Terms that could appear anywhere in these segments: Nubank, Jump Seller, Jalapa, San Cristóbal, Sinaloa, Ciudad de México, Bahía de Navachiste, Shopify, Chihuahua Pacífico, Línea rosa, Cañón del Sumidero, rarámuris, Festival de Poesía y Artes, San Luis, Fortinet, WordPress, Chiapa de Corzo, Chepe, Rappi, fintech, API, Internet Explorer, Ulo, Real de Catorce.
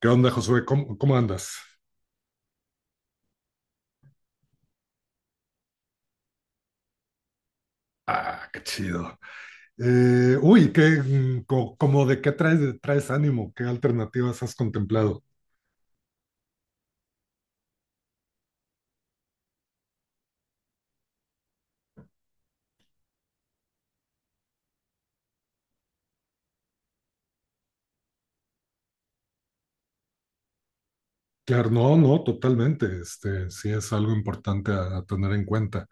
¿Qué onda, Josué? ¿Cómo andas? Ah, qué chido. Uy, qué, mm, co- como de qué traes ánimo? ¿Qué alternativas has contemplado? Claro, no, no, totalmente. Este, sí es algo importante a tener en cuenta.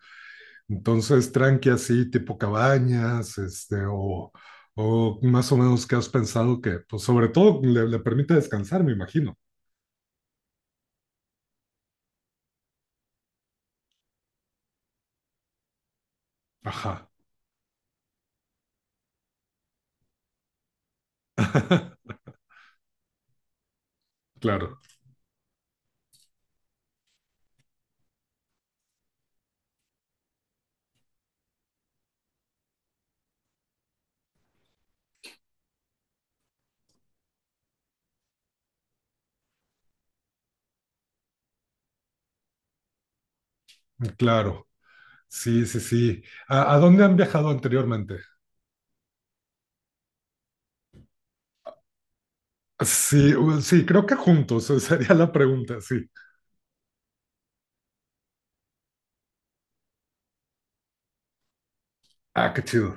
Entonces, tranqui así, tipo cabañas, este, o más o menos, ¿qué has pensado que, pues, sobre todo le permite descansar, me imagino? Ajá. Claro, claro. Sí, sí, sí. ¿A dónde han viajado anteriormente? Sí, sí, creo que juntos, sería la pregunta, sí. Ah, qué chido,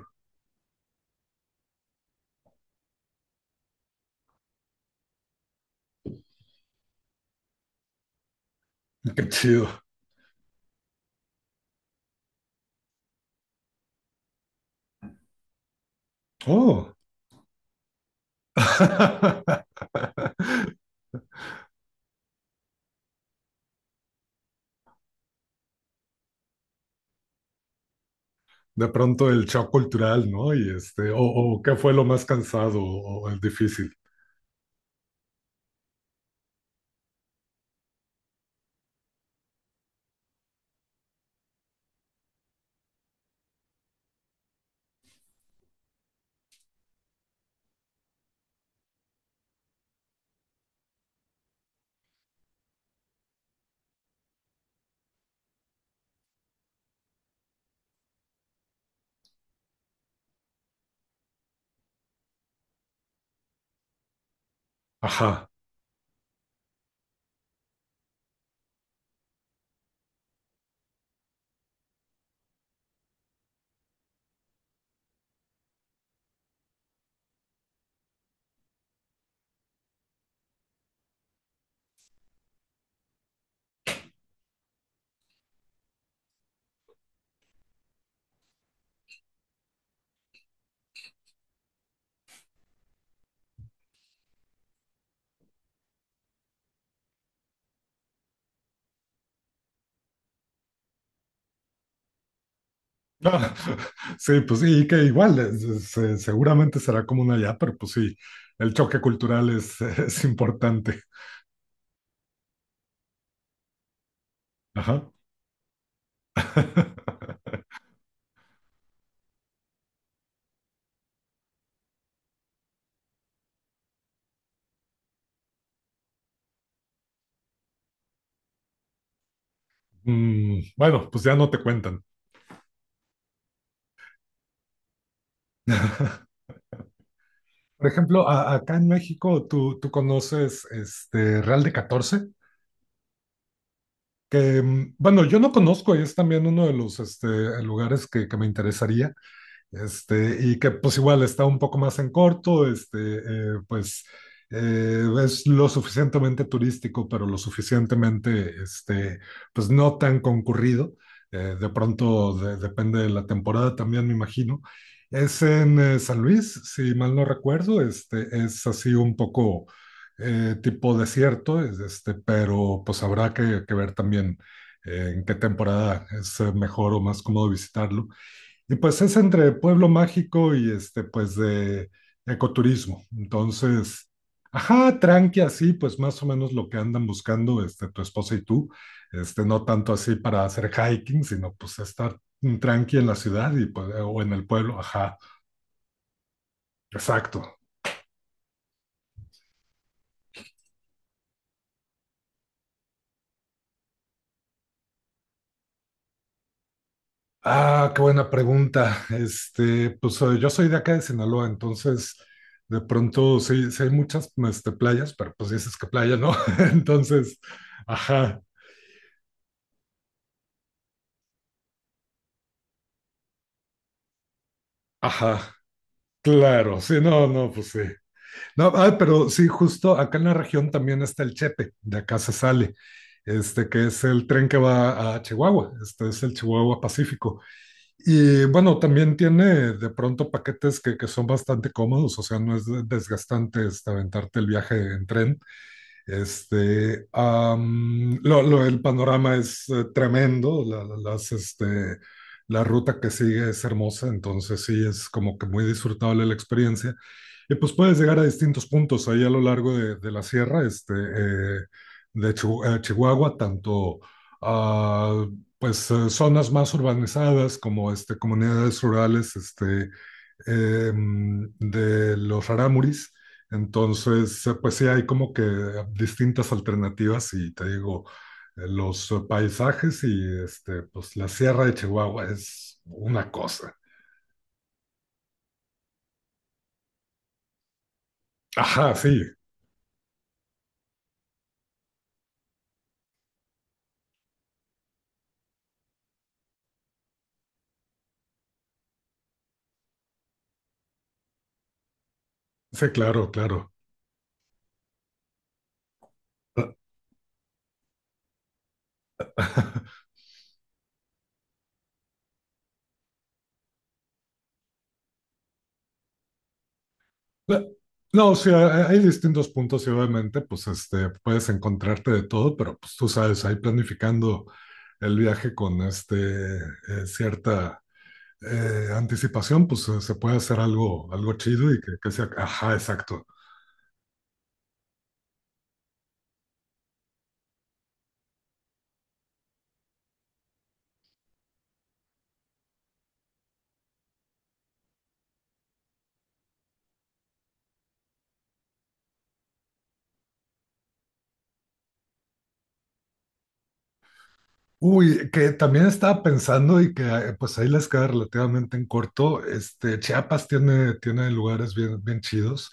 qué chido. Oh. De pronto el shock cultural, ¿no? Y este, o qué fue lo más cansado o el difícil. Ajá. Ah, sí, pues sí, y que igual, seguramente será común allá, pero pues sí, el choque cultural es, es importante. Ajá. Mm, bueno, pues ya no te cuentan. Por ejemplo, acá en México, ¿tú conoces este Real de Catorce? Que, mm, bueno, yo no conozco y es también uno de los este, lugares que me interesaría, este, y que pues igual está un poco más en corto, este, pues es lo suficientemente turístico, pero lo suficientemente, este, pues no tan concurrido. De pronto depende de la temporada también, me imagino. Es en San Luis, si mal no recuerdo, este, es así un poco tipo desierto, es, este, pero pues habrá que ver también, en qué temporada es mejor o más cómodo visitarlo. Y pues es entre pueblo mágico y este, pues de ecoturismo. Entonces, ajá, tranqui así, pues más o menos lo que andan buscando este, tu esposa y tú. Este, no tanto así para hacer hiking, sino pues estar tranqui en la ciudad y, pues, o en el pueblo, ajá, exacto. Ah, qué buena pregunta. Este, pues yo soy de acá de Sinaloa. Entonces, de pronto sí, sí hay muchas este, playas, pero pues dices que playa, ¿no? Entonces, ajá, ajá. Claro, sí, no, no, pues sí. No, ah, pero sí, justo acá en la región también está el Chepe, de acá se sale, este, que es el tren que va a Chihuahua, este es el Chihuahua Pacífico. Y bueno, también tiene de pronto paquetes que son bastante cómodos, o sea, no es desgastante, este, aventarte el viaje en tren. Este, am, el panorama es tremendo, este, la ruta que sigue es hermosa. Entonces sí, es como que muy disfrutable la experiencia. Y pues puedes llegar a distintos puntos ahí a lo largo de la sierra, este, de Chihuahua, tanto ah, pues zonas más urbanizadas como este, comunidades rurales este, em, de los rarámuris. Entonces, pues sí, hay como que distintas alternativas y te digo, los paisajes y este, pues la sierra de Chihuahua es una cosa. Ajá, sí, sí, claro, claro. No, no, o sea, hay distintos puntos y obviamente, pues, este, puedes encontrarte de todo, pero pues tú sabes, ahí planificando el viaje con este, cierta anticipación, pues se puede hacer algo, algo chido y que sea, ajá, exacto. Uy, que también estaba pensando y que pues ahí les queda relativamente en corto. Este, Chiapas tiene lugares bien, bien chidos.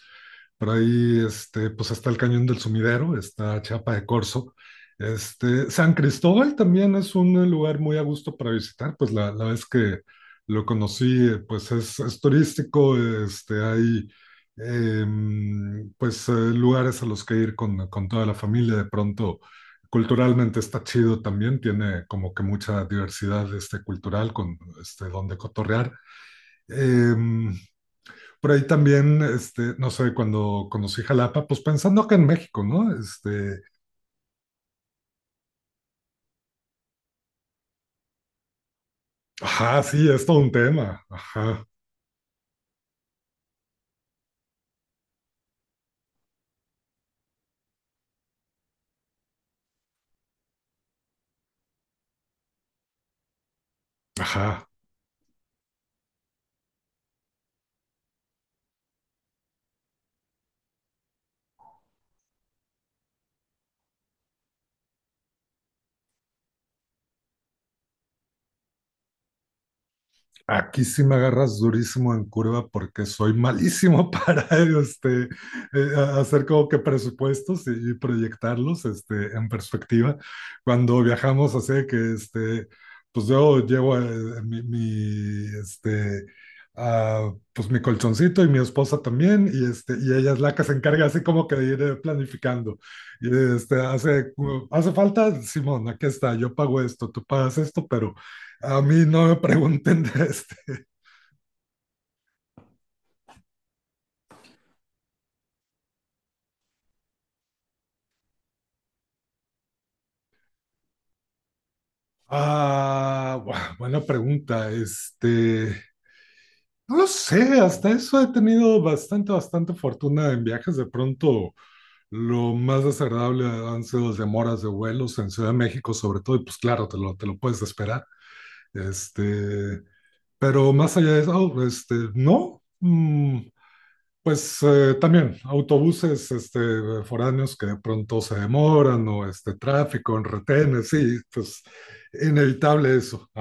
Por ahí este, pues está el Cañón del Sumidero, está Chiapa de Corzo. Este, San Cristóbal también es un lugar muy a gusto para visitar. Pues la vez que lo conocí, pues es turístico, este, hay em, pues lugares a los que ir con toda la familia de pronto. Culturalmente está chido también, tiene como que mucha diversidad este, cultural con este, donde cotorrear. Em, por ahí también, este, no sé, cuando conocí Jalapa, pues pensando que en México, ¿no? Este, ajá, sí, es todo un tema. Ajá, ajá. Aquí sí me agarras durísimo en curva porque soy malísimo para este, hacer como que presupuestos y proyectarlos este, en perspectiva. Cuando viajamos así de que este, pues yo llevo mi este, pues mi colchoncito y mi esposa también y, este, y ella es la que se encarga así como que de ir planificando. Y este, hace, hace falta, Simón, aquí está, yo pago esto, tú pagas esto, pero... A mí no me pregunten de este, ah, buah, buena pregunta. Este, no lo sé, hasta eso he tenido bastante, bastante fortuna en viajes. De pronto, lo más desagradable han sido las demoras de vuelos en Ciudad de México, sobre todo, y pues claro, te lo puedes esperar. Este, pero más allá de eso, oh, este, no. Mm, pues también autobuses este, foráneos que de pronto se demoran o este tráfico en retenes, sí, pues inevitable eso.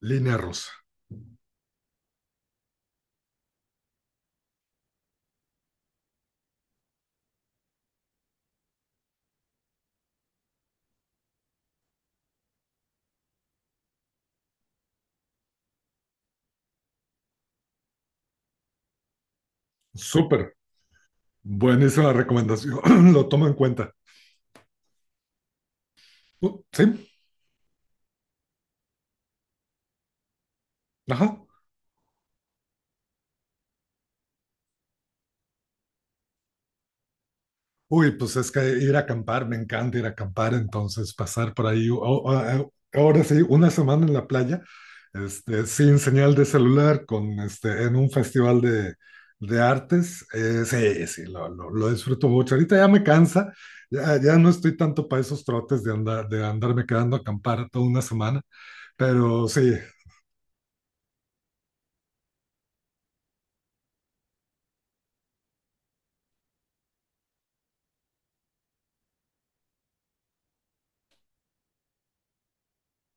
Línea rosa. Súper. Buenísima recomendación. Lo tomo en cuenta. Sí, ajá. Uy, pues es que ir a acampar, me encanta ir a acampar, entonces pasar por ahí, ahora sí, una semana en la playa, este, sin señal de celular, con este, en un festival de artes, sí, sí, lo disfruto mucho. Ahorita ya me cansa, ya, ya no estoy tanto para esos trotes de andar, de andarme quedando a acampar toda una semana, pero sí,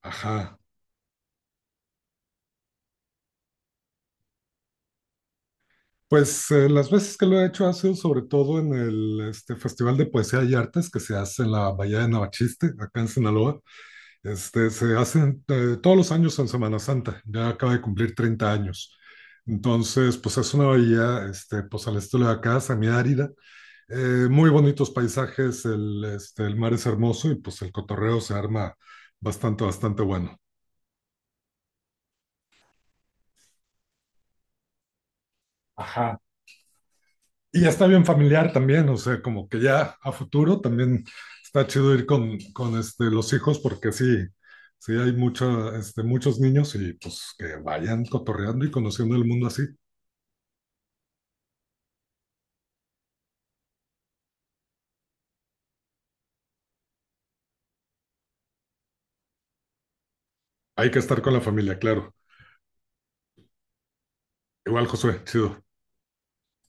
ajá. Pues las veces que lo he hecho ha sido sobre todo en el este, Festival de Poesía y Artes que se hace en la Bahía de Navachiste, acá en Sinaloa. Este, se hacen todos los años en Semana Santa, ya acaba de cumplir 30 años. Entonces, pues es una bahía, este, pues al estilo de acá, semiárida, muy bonitos paisajes, el, este, el mar es hermoso y pues el cotorreo se arma bastante, bastante bueno. Ajá. Y ya está bien familiar también, o sea, como que ya a futuro también está chido ir con este, los hijos porque sí, sí hay mucho, este, muchos niños y pues que vayan cotorreando y conociendo el mundo así. Hay que estar con la familia, claro. Igual, Josué, chido.